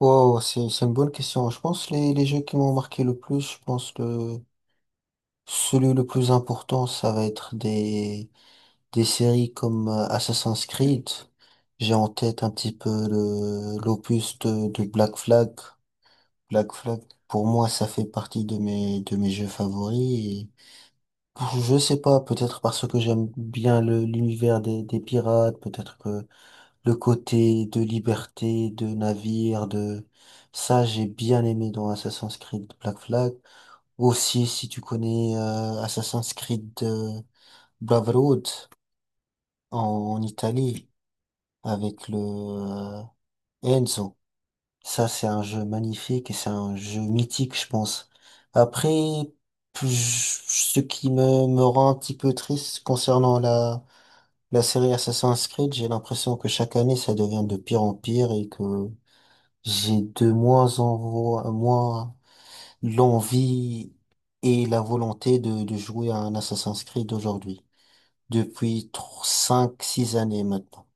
Wow, c'est une bonne question. Je pense les jeux qui m'ont marqué le plus, je pense le celui le plus important, ça va être des séries comme Assassin's Creed. J'ai en tête un petit peu le l'opus de Black Flag. Black Flag, pour moi, ça fait partie de mes jeux favoris. Et je sais pas, peut-être parce que j'aime bien le l'univers des pirates, peut-être que le côté de liberté, de navire, de. Ça, j'ai bien aimé dans Assassin's Creed Black Flag. Aussi, si tu connais Assassin's Creed Brotherhood en, en Italie, avec le Enzo. Ça, c'est un jeu magnifique et c'est un jeu mythique, je pense. Après, ce qui me rend un petit peu triste concernant la série Assassin's Creed, j'ai l'impression que chaque année, ça devient de pire en pire et que j'ai de moins moins l'envie et la volonté de jouer à un Assassin's Creed aujourd'hui. Depuis 5 six années maintenant.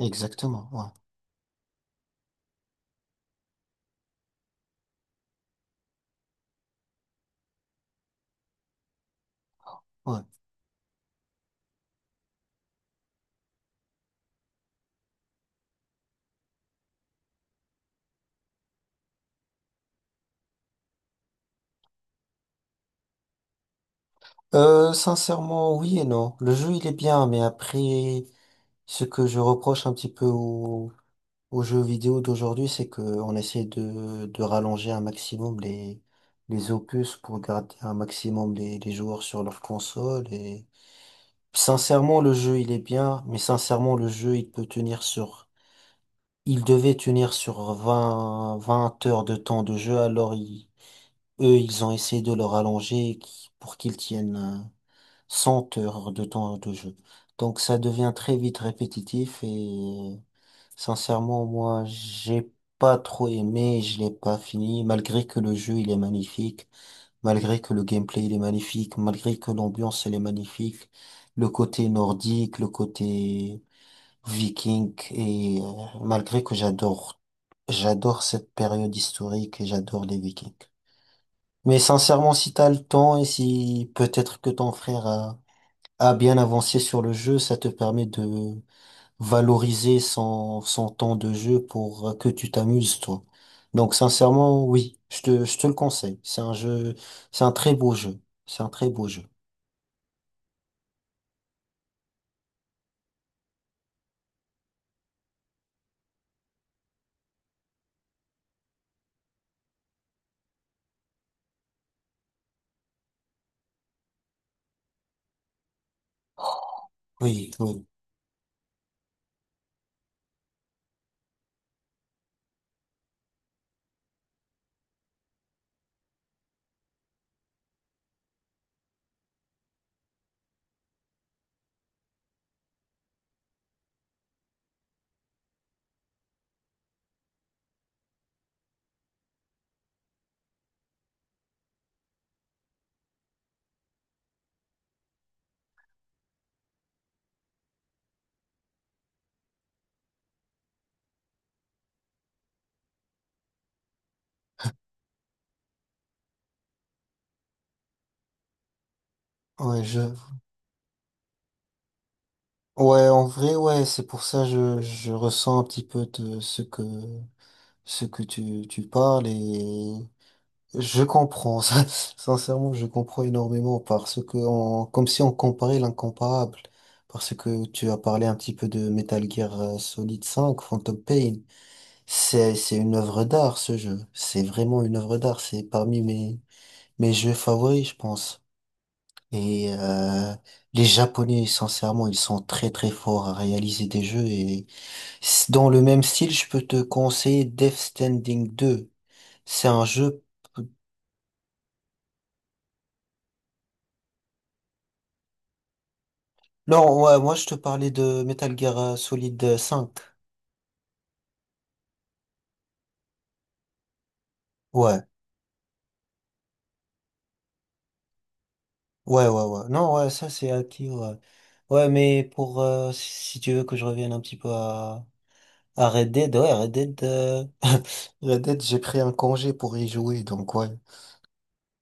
Exactement, ouais, ouais. Sincèrement, oui et non. Le jeu, il est bien, mais après, ce que je reproche un petit peu aux jeux vidéo d'aujourd'hui, c'est qu'on essaie de rallonger un maximum les opus pour garder un maximum les joueurs sur leur console. Et sincèrement, le jeu, il est bien, mais sincèrement, le jeu, il peut tenir sur. Il devait tenir sur vingt heures de temps de jeu, alors eux, ils ont essayé de le rallonger pour qu'il tienne 100 heures de temps de jeu. Donc ça devient très vite répétitif et sincèrement, moi, j'ai pas trop aimé, je l'ai pas fini, malgré que le jeu, il est magnifique. Malgré que le gameplay il est magnifique, malgré que l'ambiance elle est magnifique, le côté nordique, le côté viking, et malgré que j'adore cette période historique et j'adore les vikings. Mais sincèrement, si t'as le temps et si peut-être que ton frère a bien avancé sur le jeu, ça te permet de valoriser son temps de jeu pour que tu t'amuses, toi. Donc, sincèrement, oui, je te le conseille. C'est un jeu, c'est un très beau jeu. C'est un très beau jeu. Oui, oui. Ouais, ouais, en vrai, ouais, c'est pour ça je ressens un petit peu de ce que tu parles. Et je comprends, ça. Sincèrement, je comprends énormément parce que, comme si on comparait l'incomparable, parce que tu as parlé un petit peu de Metal Gear Solid 5, Phantom Pain, c'est une œuvre d'art, ce jeu, c'est vraiment une œuvre d'art, c'est parmi mes jeux favoris, je pense. Et les Japonais, sincèrement, ils sont très très forts à réaliser des jeux et dans le même style, je peux te conseiller Death Standing 2, c'est un jeu. Non, ouais, moi je te parlais de Metal Gear Solid 5. Ouais, ouais, ouais, ouais. Non, ouais, ça c'est acquis, ouais. Ouais, mais si tu veux que je revienne un petit peu à Red Dead, ouais, Red Dead, Red Dead, j'ai pris un congé pour y jouer, donc ouais.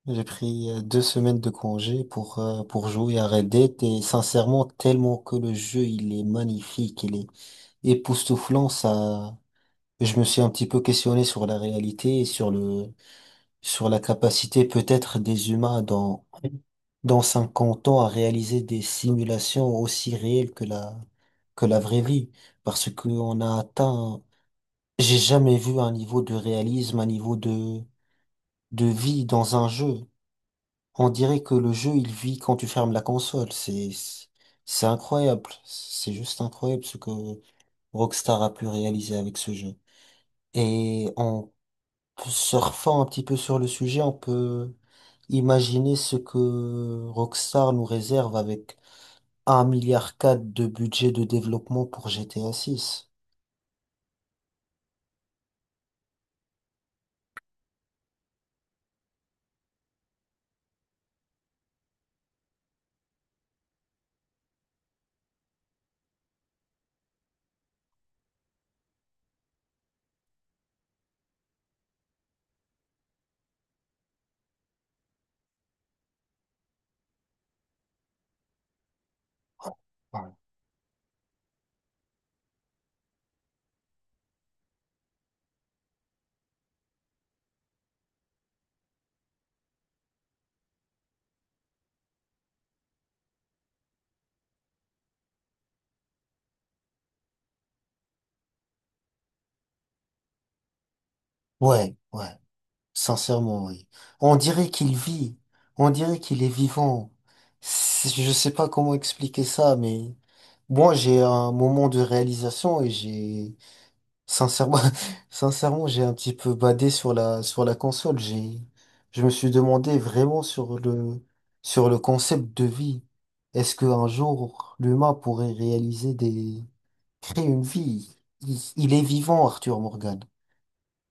J'ai pris 2 semaines de congé pour jouer à Red Dead et sincèrement, tellement que le jeu, il est magnifique, il est époustouflant, ça, je me suis un petit peu questionné sur la réalité et sur la capacité peut-être des humains dans 50 ans à réaliser des simulations aussi réelles que la vraie vie. Parce qu'on a atteint, j'ai jamais vu un niveau de réalisme, un niveau de vie dans un jeu. On dirait que le jeu, il vit quand tu fermes la console. C'est incroyable. C'est juste incroyable ce que Rockstar a pu réaliser avec ce jeu. Et on Surfant un petit peu sur le sujet, on peut imaginer ce que Rockstar nous réserve avec 1,4 milliard de budget de développement pour GTA 6. Ouais. Ouais, ouais, sincèrement, oui. On dirait qu'il vit, on dirait qu'il est vivant. Je sais pas comment expliquer ça, mais moi j'ai un moment de réalisation et j'ai Sincèrement, sincèrement, j'ai un petit peu badé sur la console. Je me suis demandé vraiment sur le concept de vie. Est-ce qu'un jour, l'humain pourrait créer une vie? Il est vivant, Arthur Morgan.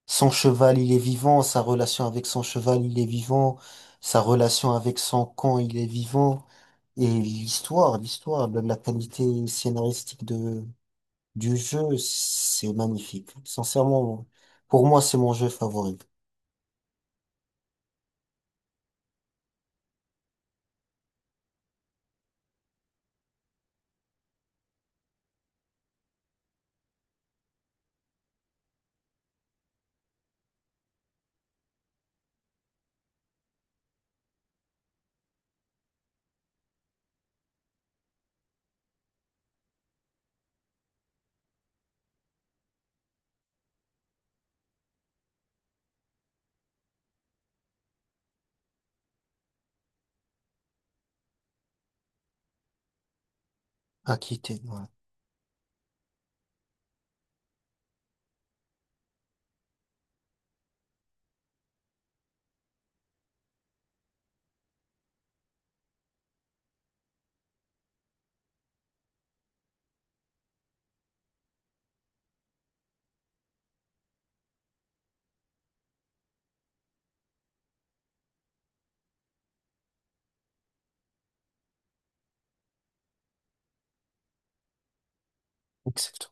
Son cheval, il est vivant. Sa relation avec son cheval, il est vivant. Sa relation avec son camp, il est vivant. Et l'histoire, la qualité scénaristique de du jeu, c'est magnifique. Sincèrement, pour moi, c'est mon jeu favori. Acquitté, ouais. Exactement.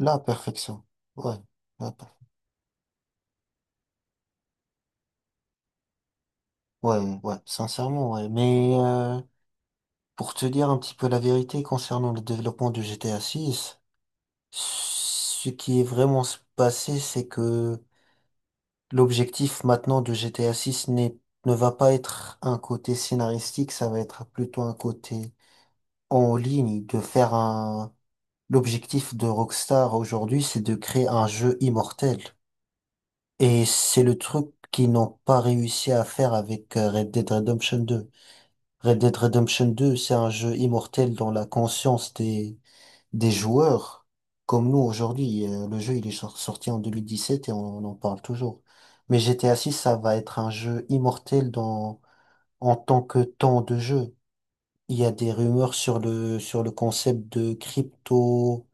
La perfection. Ouais. La per- Ouais, ouais, sincèrement, ouais. Mais pour te dire un petit peu la vérité concernant le développement de GTA 6, ce qui est vraiment se passé, c'est que l'objectif maintenant de GTA 6 n'est, ne va pas être un côté scénaristique, ça va être plutôt un côté en ligne, de faire L'objectif de Rockstar aujourd'hui, c'est de créer un jeu immortel. Et c'est le truc qu'ils n'ont pas réussi à faire avec Red Dead Redemption 2. Red Dead Redemption 2, c'est un jeu immortel dans la conscience des joueurs. Comme nous aujourd'hui, le jeu il est sorti en 2017 et on en parle toujours. Mais GTA 6, ça va être un jeu immortel en tant que temps de jeu. Il y a des rumeurs sur le concept de crypto,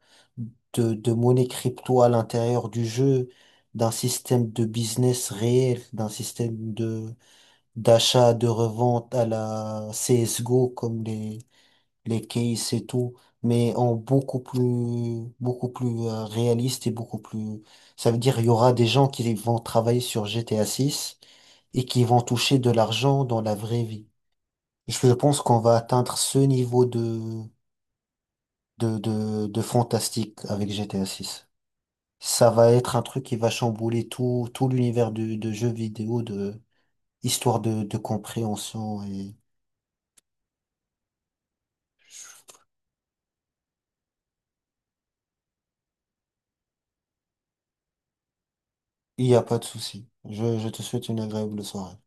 de monnaie crypto à l'intérieur du jeu, d'un système de business réel, d'achat, de revente à la CSGO comme les cases et tout, mais en beaucoup plus réaliste et beaucoup plus, ça veut dire il y aura des gens qui vont travailler sur GTA 6 et qui vont toucher de l'argent dans la vraie vie. Je pense qu'on va atteindre ce niveau de fantastique avec GTA 6. Ça va être un truc qui va chambouler tout l'univers de jeux vidéo, de histoire de compréhension et il n'y a pas de souci. Je te souhaite une agréable soirée.